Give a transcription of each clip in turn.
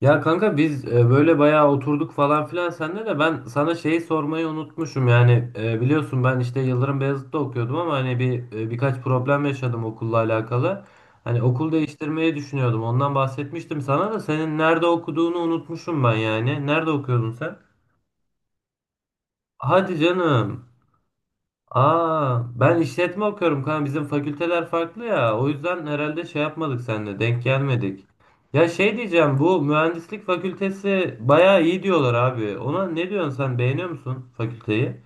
Ya kanka biz böyle bayağı oturduk falan filan senle de ben sana şeyi sormayı unutmuşum yani biliyorsun ben işte Yıldırım Beyazıt'ta okuyordum ama hani birkaç problem yaşadım okulla alakalı. Hani okul değiştirmeyi düşünüyordum, ondan bahsetmiştim sana da, senin nerede okuduğunu unutmuşum ben yani. Nerede okuyordun sen? Hadi canım. Aa, ben işletme okuyorum kanka. Bizim fakülteler farklı ya. O yüzden herhalde şey yapmadık seninle. Denk gelmedik. Ya şey diyeceğim, bu mühendislik fakültesi bayağı iyi diyorlar abi. Ona ne diyorsun sen, beğeniyor musun fakülteyi?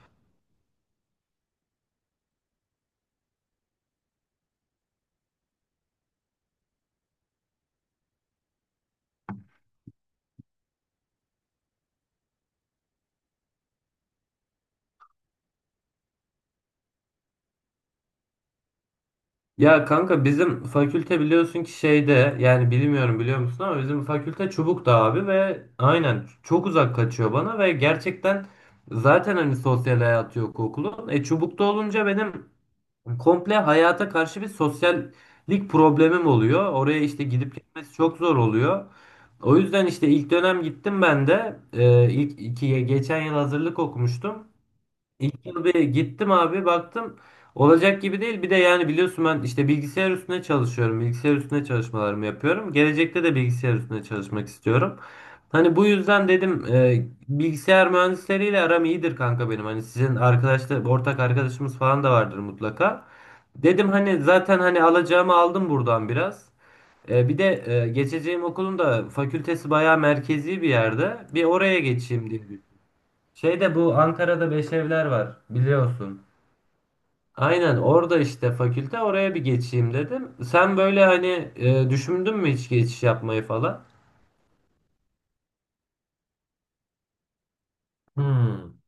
Ya kanka bizim fakülte biliyorsun ki şeyde, yani bilmiyorum biliyor musun ama bizim fakülte Çubuk'ta abi ve aynen çok uzak kaçıyor bana ve gerçekten zaten hani sosyal hayatı yok okulun. Çubuk'ta olunca benim komple hayata karşı bir sosyallik problemim oluyor. Oraya işte gidip gitmesi çok zor oluyor. O yüzden işte ilk dönem gittim ben de. Geçen yıl hazırlık okumuştum. İlk yıl bir gittim abi, baktım olacak gibi değil. Bir de yani biliyorsun ben işte bilgisayar üstüne çalışıyorum. Bilgisayar üstüne çalışmalarımı yapıyorum. Gelecekte de bilgisayar üstüne çalışmak istiyorum. Hani bu yüzden dedim bilgisayar mühendisleriyle aram iyidir kanka benim. Hani sizin arkadaşlar, ortak arkadaşımız falan da vardır mutlaka. Dedim hani zaten hani alacağımı aldım buradan biraz. Bir de geçeceğim okulun da fakültesi bayağı merkezi bir yerde. Bir oraya geçeyim diye. Şeyde bu Ankara'da Beşevler var biliyorsun. Aynen orada işte fakülte, oraya bir geçeyim dedim. Sen böyle hani düşündün mü hiç geçiş yapmayı falan? Hmm.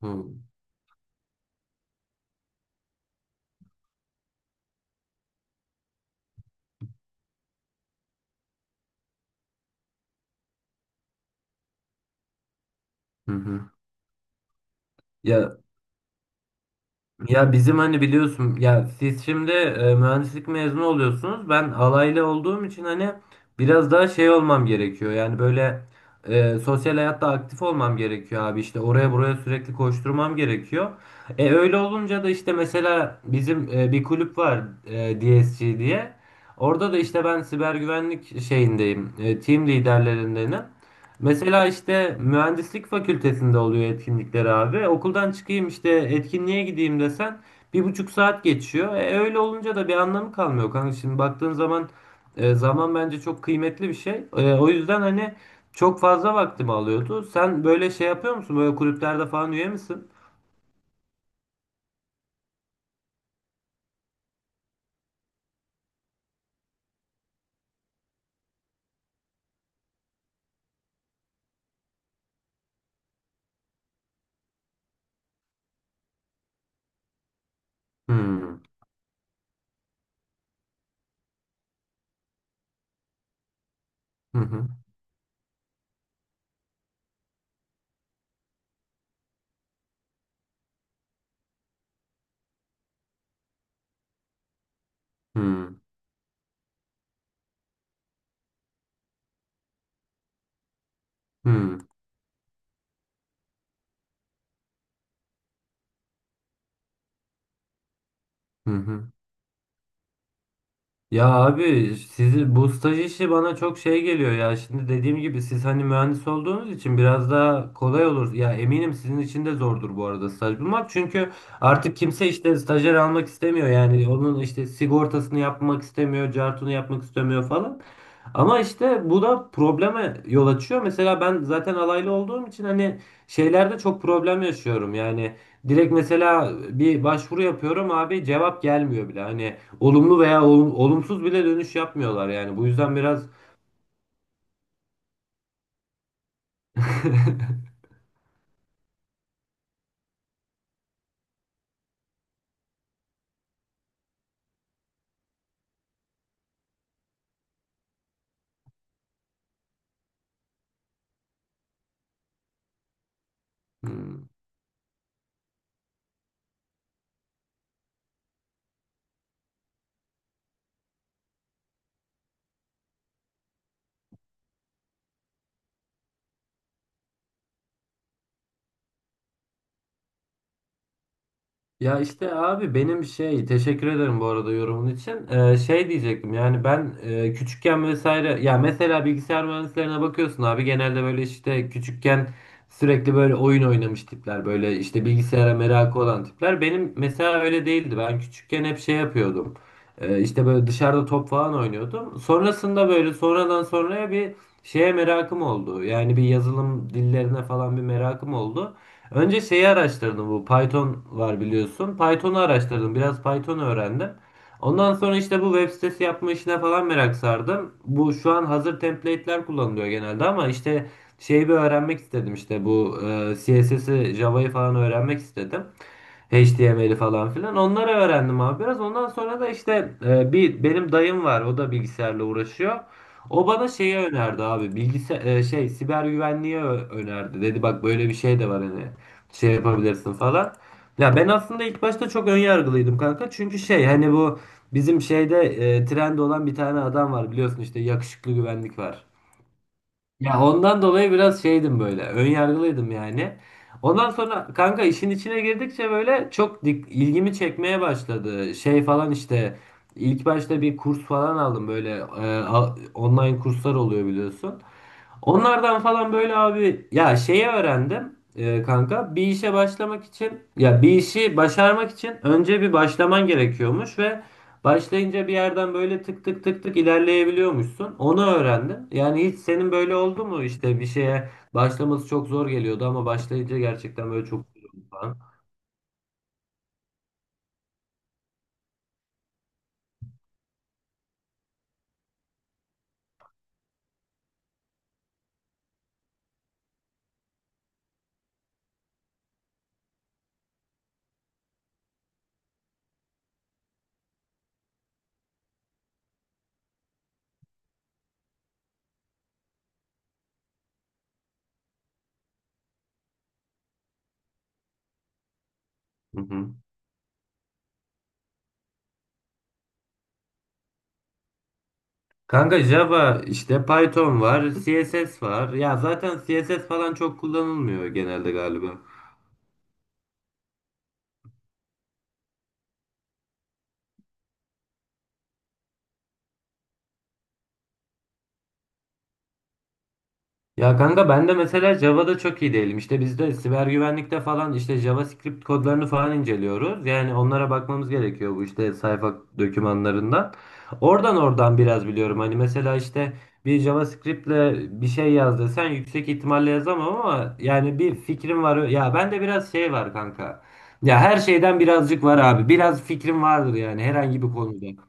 Hmm. Hı. Hı ya. Ya bizim hani biliyorsun ya, siz şimdi mühendislik mezunu oluyorsunuz. Ben alaylı olduğum için hani biraz daha şey olmam gerekiyor. Yani böyle sosyal hayatta aktif olmam gerekiyor abi. İşte oraya buraya sürekli koşturmam gerekiyor. Öyle olunca da işte mesela bizim bir kulüp var, DSG diye. Orada da işte ben siber güvenlik şeyindeyim. Team liderlerindenim. Mesela işte mühendislik fakültesinde oluyor etkinlikleri abi. Okuldan çıkayım işte etkinliğe gideyim desen 1,5 saat geçiyor. Öyle olunca da bir anlamı kalmıyor kanka. Şimdi baktığın zaman zaman bence çok kıymetli bir şey. O yüzden hani çok fazla vaktimi alıyordu. Sen böyle şey yapıyor musun? Böyle kulüplerde falan üye misin? Hmm. Hı hı. Hmm. Hmm. Hı hı. Ya abi, sizi bu staj işi bana çok şey geliyor ya. Şimdi dediğim gibi siz hani mühendis olduğunuz için biraz daha kolay olur. Ya eminim sizin için de zordur bu arada staj bulmak. Çünkü artık kimse işte stajyer almak istemiyor. Yani onun işte sigortasını yapmak istemiyor, cartunu yapmak istemiyor falan. Ama işte bu da probleme yol açıyor. Mesela ben zaten alaylı olduğum için hani şeylerde çok problem yaşıyorum. Yani direkt mesela bir başvuru yapıyorum abi, cevap gelmiyor bile. Hani olumlu veya olumsuz bile dönüş yapmıyorlar yani. Bu yüzden biraz... Hmm. Ya işte abi benim şey, teşekkür ederim bu arada yorumun için. Şey diyecektim yani ben küçükken vesaire, ya mesela bilgisayar mühendislerine bakıyorsun abi, genelde böyle işte küçükken sürekli böyle oyun oynamış tipler, böyle işte bilgisayara merakı olan tipler. Benim mesela öyle değildi. Ben küçükken hep şey yapıyordum. İşte böyle dışarıda top falan oynuyordum. Sonrasında böyle sonradan sonraya bir şeye merakım oldu. Yani bir yazılım dillerine falan bir merakım oldu. Önce şeyi araştırdım, bu Python var biliyorsun. Python'u araştırdım. Biraz Python öğrendim. Ondan sonra işte bu web sitesi yapma işine falan merak sardım. Bu şu an hazır template'ler kullanılıyor genelde ama işte şeyi bir öğrenmek istedim, işte bu CSS'i, Java'yı falan öğrenmek istedim. HTML'i falan filan. Onları öğrendim abi biraz. Ondan sonra da işte bir benim dayım var. O da bilgisayarla uğraşıyor. O bana şeyi önerdi abi. Bilgisayar şey, siber güvenliği önerdi. Dedi bak böyle bir şey de var, hani şey yapabilirsin falan. Ya ben aslında ilk başta çok ön yargılıydım kanka. Çünkü şey hani bu bizim şeyde trend olan bir tane adam var biliyorsun, işte yakışıklı güvenlik var. Ya ondan dolayı biraz şeydim, böyle ön yargılıydım yani. Ondan sonra kanka işin içine girdikçe böyle ilgimi çekmeye başladı. Şey falan işte ilk başta bir kurs falan aldım, böyle online kurslar oluyor biliyorsun. Onlardan falan böyle abi ya şeyi öğrendim, kanka bir işe başlamak için, ya bir işi başarmak için önce bir başlaman gerekiyormuş ve başlayınca bir yerden böyle tık tık tık tık ilerleyebiliyormuşsun. Onu öğrendim. Yani hiç senin böyle oldu mu, işte bir şeye başlaması çok zor geliyordu ama başlayınca gerçekten böyle çok güzel oldu falan. Hı hı. Kanka Java işte, Python var, CSS var. Ya zaten CSS falan çok kullanılmıyor genelde galiba. Ya kanka ben de mesela Java'da çok iyi değilim. İşte biz de siber güvenlikte falan işte JavaScript kodlarını falan inceliyoruz. Yani onlara bakmamız gerekiyor bu işte sayfa dokümanlarından. Oradan oradan biraz biliyorum. Hani mesela işte bir JavaScript'le bir şey yaz desen yüksek ihtimalle yazamam ama yani bir fikrim var. Ya bende biraz şey var kanka. Ya her şeyden birazcık var abi. Biraz fikrim vardır yani herhangi bir konuda.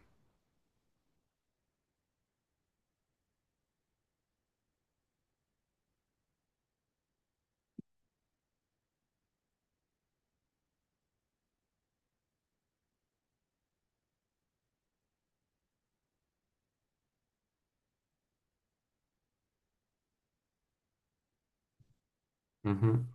Hı hı.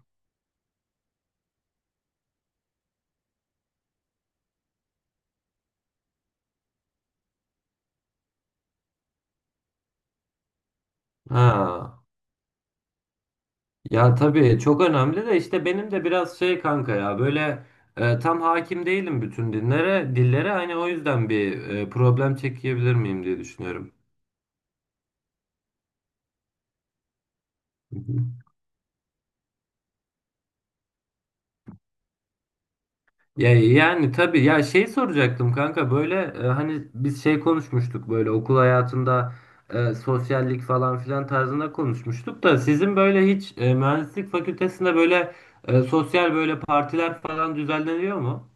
Ha. Ya tabii çok önemli de, işte benim de biraz şey kanka, ya böyle tam hakim değilim bütün dillere, hani o yüzden bir problem çekebilir miyim diye düşünüyorum. Hı hı. Ya yani tabii ya, şey soracaktım kanka, böyle hani biz şey konuşmuştuk, böyle okul hayatında sosyallik falan filan tarzında konuşmuştuk da, sizin böyle hiç mühendislik fakültesinde böyle sosyal böyle partiler falan düzenleniyor mu?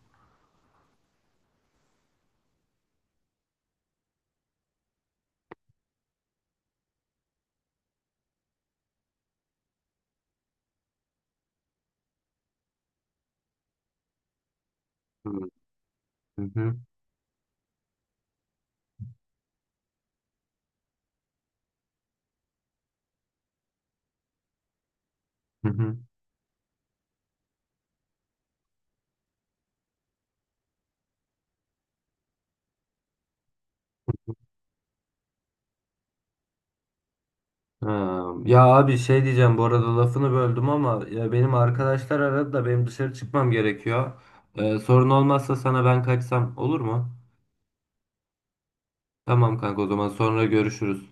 Hı hı. Hı hı. Ha, ya abi şey diyeceğim, bu arada lafını böldüm ama, ya benim arkadaşlar aradı da benim dışarı çıkmam gerekiyor. Sorun olmazsa sana, ben kaçsam olur mu? Tamam kanka, o zaman sonra görüşürüz.